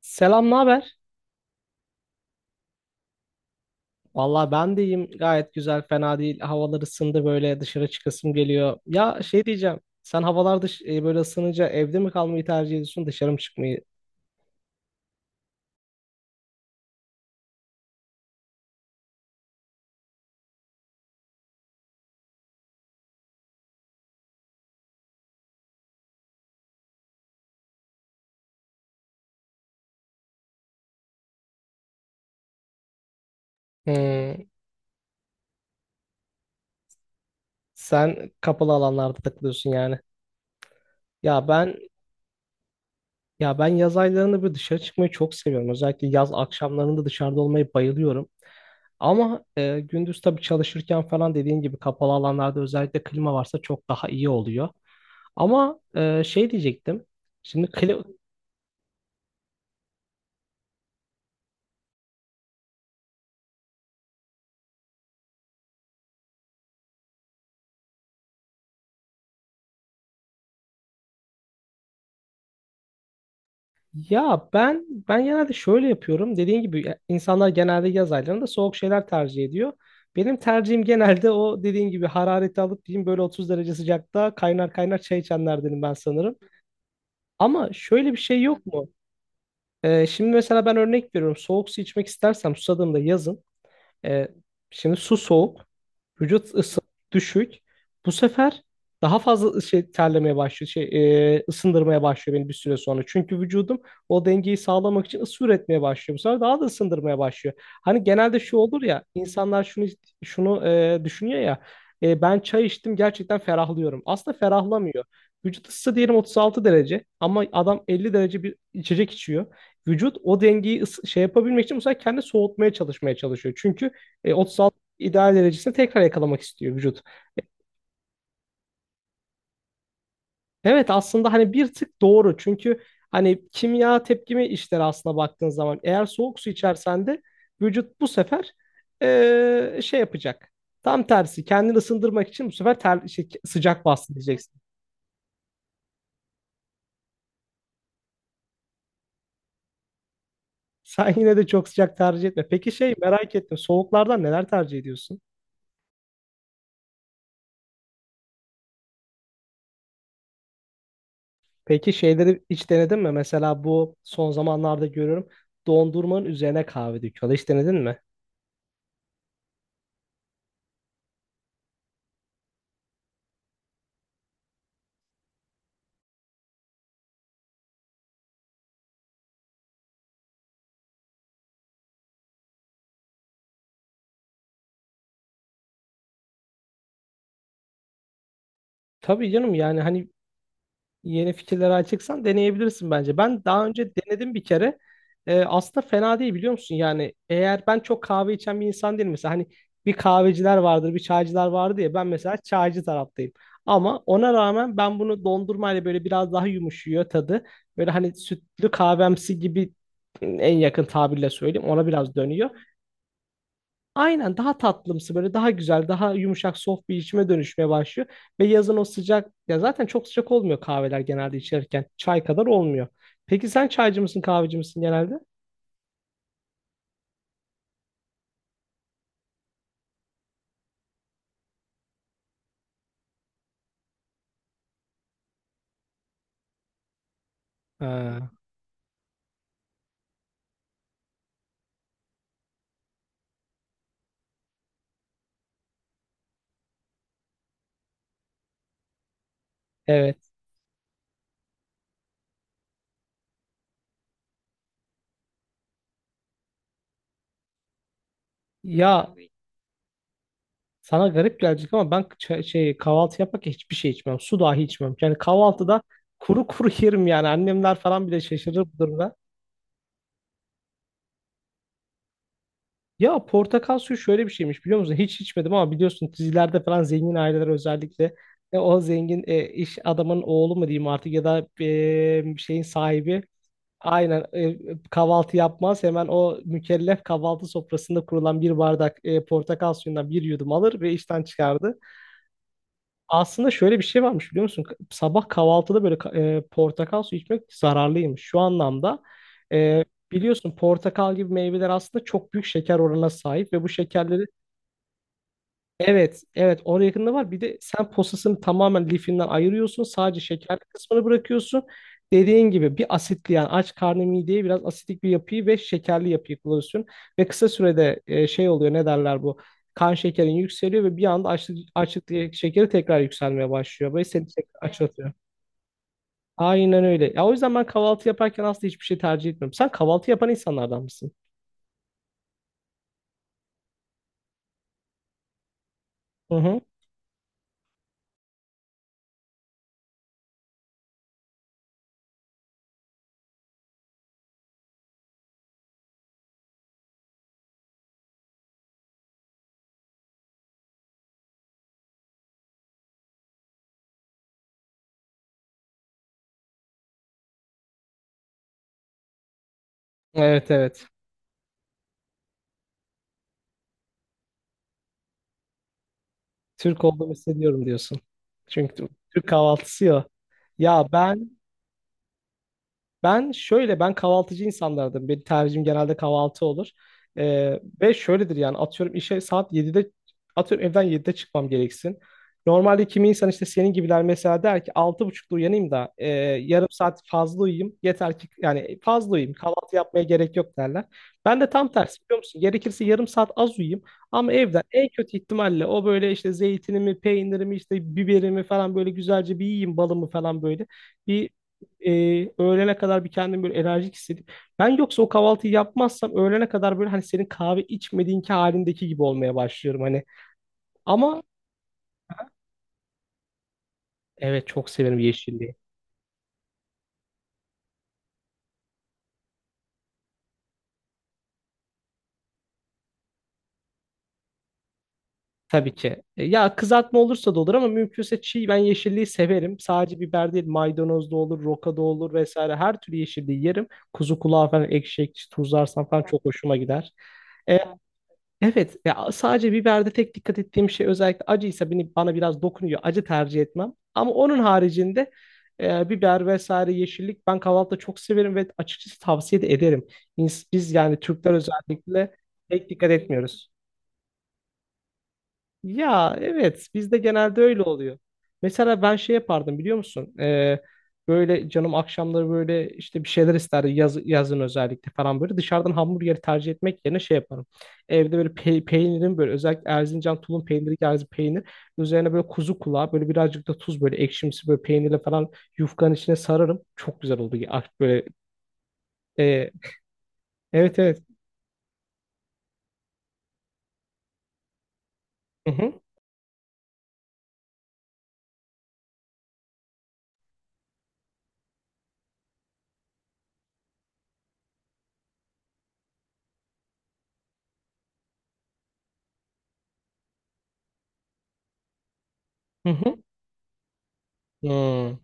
Selam, ne haber? Vallahi ben de iyiyim. Gayet güzel, fena değil. Havalar ısındı, böyle dışarı çıkasım geliyor. Ya şey diyeceğim, sen havalar böyle ısınınca evde mi kalmayı tercih ediyorsun, dışarı mı çıkmayı? Hmm, Sen kapalı alanlarda takılıyorsun yani. Ya ben ya ben yaz aylarında böyle dışarı çıkmayı çok seviyorum. Özellikle yaz akşamlarında dışarıda olmayı bayılıyorum. Ama gündüz tabii çalışırken falan dediğin gibi kapalı alanlarda özellikle klima varsa çok daha iyi oluyor. Ama şey diyecektim. Şimdi kli- ya ben genelde şöyle yapıyorum. Dediğin gibi ya, insanlar genelde yaz aylarında soğuk şeyler tercih ediyor. Benim tercihim genelde o dediğin gibi harareti alıp diyeyim, böyle 30 derece sıcakta kaynar kaynar çay içenlerdenim ben sanırım. Ama şöyle bir şey yok mu? Şimdi mesela ben örnek veriyorum. Soğuk su içmek istersem susadığımda yazın, E, şimdi su soğuk, vücut ısı düşük. Bu sefer daha fazla şey terlemeye başlıyor, ısındırmaya başlıyor beni bir süre sonra. Çünkü vücudum o dengeyi sağlamak için ısı üretmeye başlıyor. Bu sefer daha da ısındırmaya başlıyor. Hani genelde şu olur ya, insanlar düşünüyor ya, ben çay içtim, gerçekten ferahlıyorum. Aslında ferahlamıyor. Vücut ısısı diyelim 36 derece, ama adam 50 derece bir içecek içiyor. Vücut o dengeyi yapabilmek için bu sefer kendi soğutmaya çalışmaya çalışıyor. Çünkü 36 ideal derecesine tekrar yakalamak istiyor vücut. Evet, aslında hani bir tık doğru. Çünkü hani kimya tepkimi işleri, aslına baktığın zaman eğer soğuk su içersen de vücut bu sefer şey yapacak. Tam tersi kendini ısındırmak için bu sefer sıcak bastı diyeceksin. Sen yine de çok sıcak tercih etme. Peki şey, merak ettim. Soğuklardan neler tercih ediyorsun? Peki şeyleri hiç denedin mi? Mesela bu son zamanlarda görüyorum. Dondurmanın üzerine kahve döküyorlar. Hiç denedin mi? Tabii canım, yani hani yeni fikirlere açıksan deneyebilirsin bence. Ben daha önce denedim bir kere. Aslında fena değil, biliyor musun? Yani, eğer, ben çok kahve içen bir insan değilim. Mesela hani bir kahveciler vardır, bir çaycılar vardır ya. Ben mesela çaycı taraftayım. Ama ona rağmen ben bunu dondurmayla böyle biraz daha yumuşuyor tadı. Böyle hani sütlü kahvemsi gibi, en yakın tabirle söyleyeyim, ona biraz dönüyor. Aynen, daha tatlımsı, böyle daha güzel, daha yumuşak, soft bir içime dönüşmeye başlıyor. Ve yazın o sıcak ya, zaten çok sıcak olmuyor kahveler genelde içerken, çay kadar olmuyor. Peki sen çaycı mısın, kahveci misin genelde? Ha, evet. Ya sana garip gelecek ama ben kahvaltı yaparken hiçbir şey içmem, su dahi içmem. Yani kahvaltıda kuru kuru yerim yani, annemler falan bile şaşırır bu durumda. Ya portakal suyu şöyle bir şeymiş, biliyor musun? Hiç içmedim ama biliyorsun dizilerde falan zengin aileler, özellikle o zengin iş adamın oğlu mu diyeyim artık, ya da şeyin sahibi, aynen, kahvaltı yapmaz. Hemen o mükellef kahvaltı sofrasında kurulan bir bardak portakal suyundan bir yudum alır ve işten çıkardı. Aslında şöyle bir şey varmış, biliyor musun? Sabah kahvaltıda böyle portakal suyu içmek zararlıymış. Şu anlamda e, biliyorsun, portakal gibi meyveler aslında çok büyük şeker oranına sahip ve bu şekerleri... Evet, evet, oraya yakında var. Bir de sen posasını tamamen lifinden ayırıyorsun, sadece şekerli kısmını bırakıyorsun. Dediğin gibi bir asitli, yani aç karnı mideye biraz asitik bir yapıyı ve şekerli yapıyı kullanıyorsun. Ve kısa sürede şey oluyor, ne derler bu? Kan şekerin yükseliyor ve bir anda açlık, açlık şekeri tekrar yükselmeye başlıyor. Ve seni tekrar açlatıyor. Aynen öyle. Ya o yüzden ben kahvaltı yaparken aslında hiçbir şey tercih etmiyorum. Sen kahvaltı yapan insanlardan mısın? Hı hı. Evet, evet. Türk olduğumu hissediyorum diyorsun. Çünkü Türk kahvaltısı ya. Ya ben kahvaltıcı insanlardım. Benim tercihim genelde kahvaltı olur. Ve şöyledir, yani atıyorum işe saat 7'de, atıyorum evden 7'de çıkmam gereksin. Normalde kimi insan, işte senin gibiler mesela, der ki 6.30'da uyanayım da yarım saat fazla uyuyayım. Yeter ki yani fazla uyuyayım, kahvaltı yapmaya gerek yok, derler. Ben de tam tersi, biliyor musun? Gerekirse yarım saat az uyuyayım. Ama evden en kötü ihtimalle, o böyle işte zeytinimi, peynirimi, işte biberimi falan böyle güzelce bir yiyeyim, balımı falan böyle. Bir e, Öğlene kadar bir kendimi böyle enerjik hissedip, ben yoksa o kahvaltıyı yapmazsam, öğlene kadar böyle hani senin kahve içmediğinki halindeki gibi olmaya başlıyorum hani. Ama evet, çok severim yeşilliği. Tabii ki. Ya kızartma olursa da olur, ama mümkünse çiğ, ben yeşilliği severim. Sadece biber değil, maydanoz da olur, roka da olur, vesaire, her türlü yeşilliği yerim. Kuzu kulağı falan ekşi ekşi tuzlarsam falan çok hoşuma gider. E, Evet, ya sadece biberde tek dikkat ettiğim şey, özellikle acıysa, beni, bana biraz dokunuyor. Acı tercih etmem. Ama onun haricinde biber vesaire yeşillik ben kahvaltıda çok severim ve açıkçası tavsiye de ederim. Biz, yani Türkler, özellikle pek dikkat etmiyoruz. Ya evet, bizde genelde öyle oluyor. Mesela ben şey yapardım, biliyor musun? Böyle canım akşamları böyle işte bir şeyler isterdi, yazın özellikle falan böyle dışarıdan hamburgeri tercih etmek yerine şey yaparım. Evde böyle peynirin böyle, özellikle Erzincan tulum peyniri tarzı peynir üzerine böyle kuzu kulağı, böyle birazcık da tuz, böyle ekşimsi böyle peynirle falan yufkanın içine sararım. Çok güzel oldu ya. Ah, böyle e, evet, evet. Hı hı, hı hı. Hmm.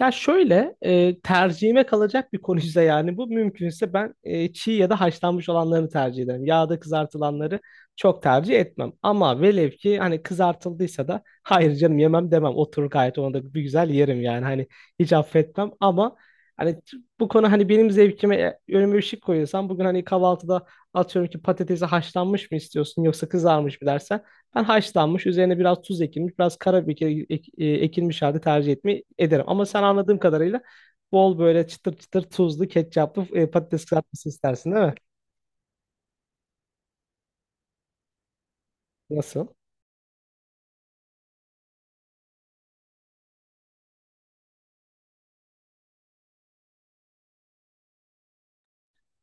Ya şöyle, tercihime kalacak bir konuysa, yani bu mümkünse, ben çiğ ya da haşlanmış olanlarını tercih ederim. Yağda kızartılanları çok tercih etmem. Ama velev ki hani kızartıldıysa da hayır canım yemem demem. Oturur gayet, onu da bir güzel yerim yani, hani hiç affetmem, ama hani bu konu hani benim zevkime, önüme bir şey koyuyorsan bugün hani kahvaltıda, atıyorum ki patatesi haşlanmış mı istiyorsun yoksa kızarmış mı dersen, ben haşlanmış, üzerine biraz tuz ekilmiş, biraz karabiber ekilmiş halde tercih etmeyi ederim. Ama sen anladığım kadarıyla bol böyle çıtır çıtır tuzlu, ketçaplı patates kızartması istersin, değil mi? Nasıl?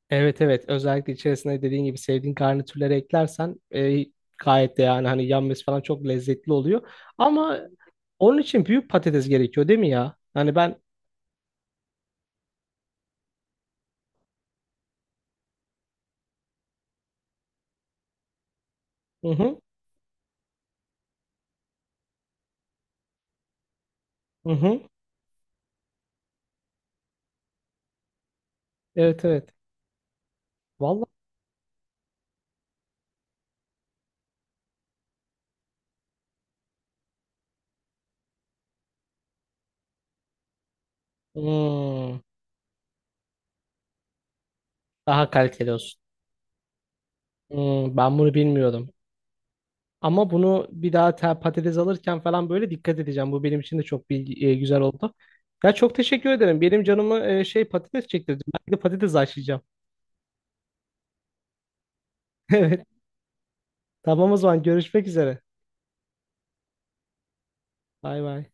Evet, evet, özellikle içerisine dediğin gibi sevdiğin garnitürleri eklersen gayet de, yani hani yanması falan çok lezzetli oluyor. Ama onun için büyük patates gerekiyor değil mi ya? Hani ben... Hı hı. Hı hı. Evet, evet. Vallahi. Hmm, Daha kaliteli olsun. Ben bunu bilmiyordum. Ama bunu bir daha patates alırken falan böyle dikkat edeceğim. Bu benim için de çok bilgi, güzel oldu. Ya çok teşekkür ederim. Benim canımı patates çektirdi. Ben de patates haşlayacağım. Evet. Tamam, o zaman görüşmek üzere. Bay bay.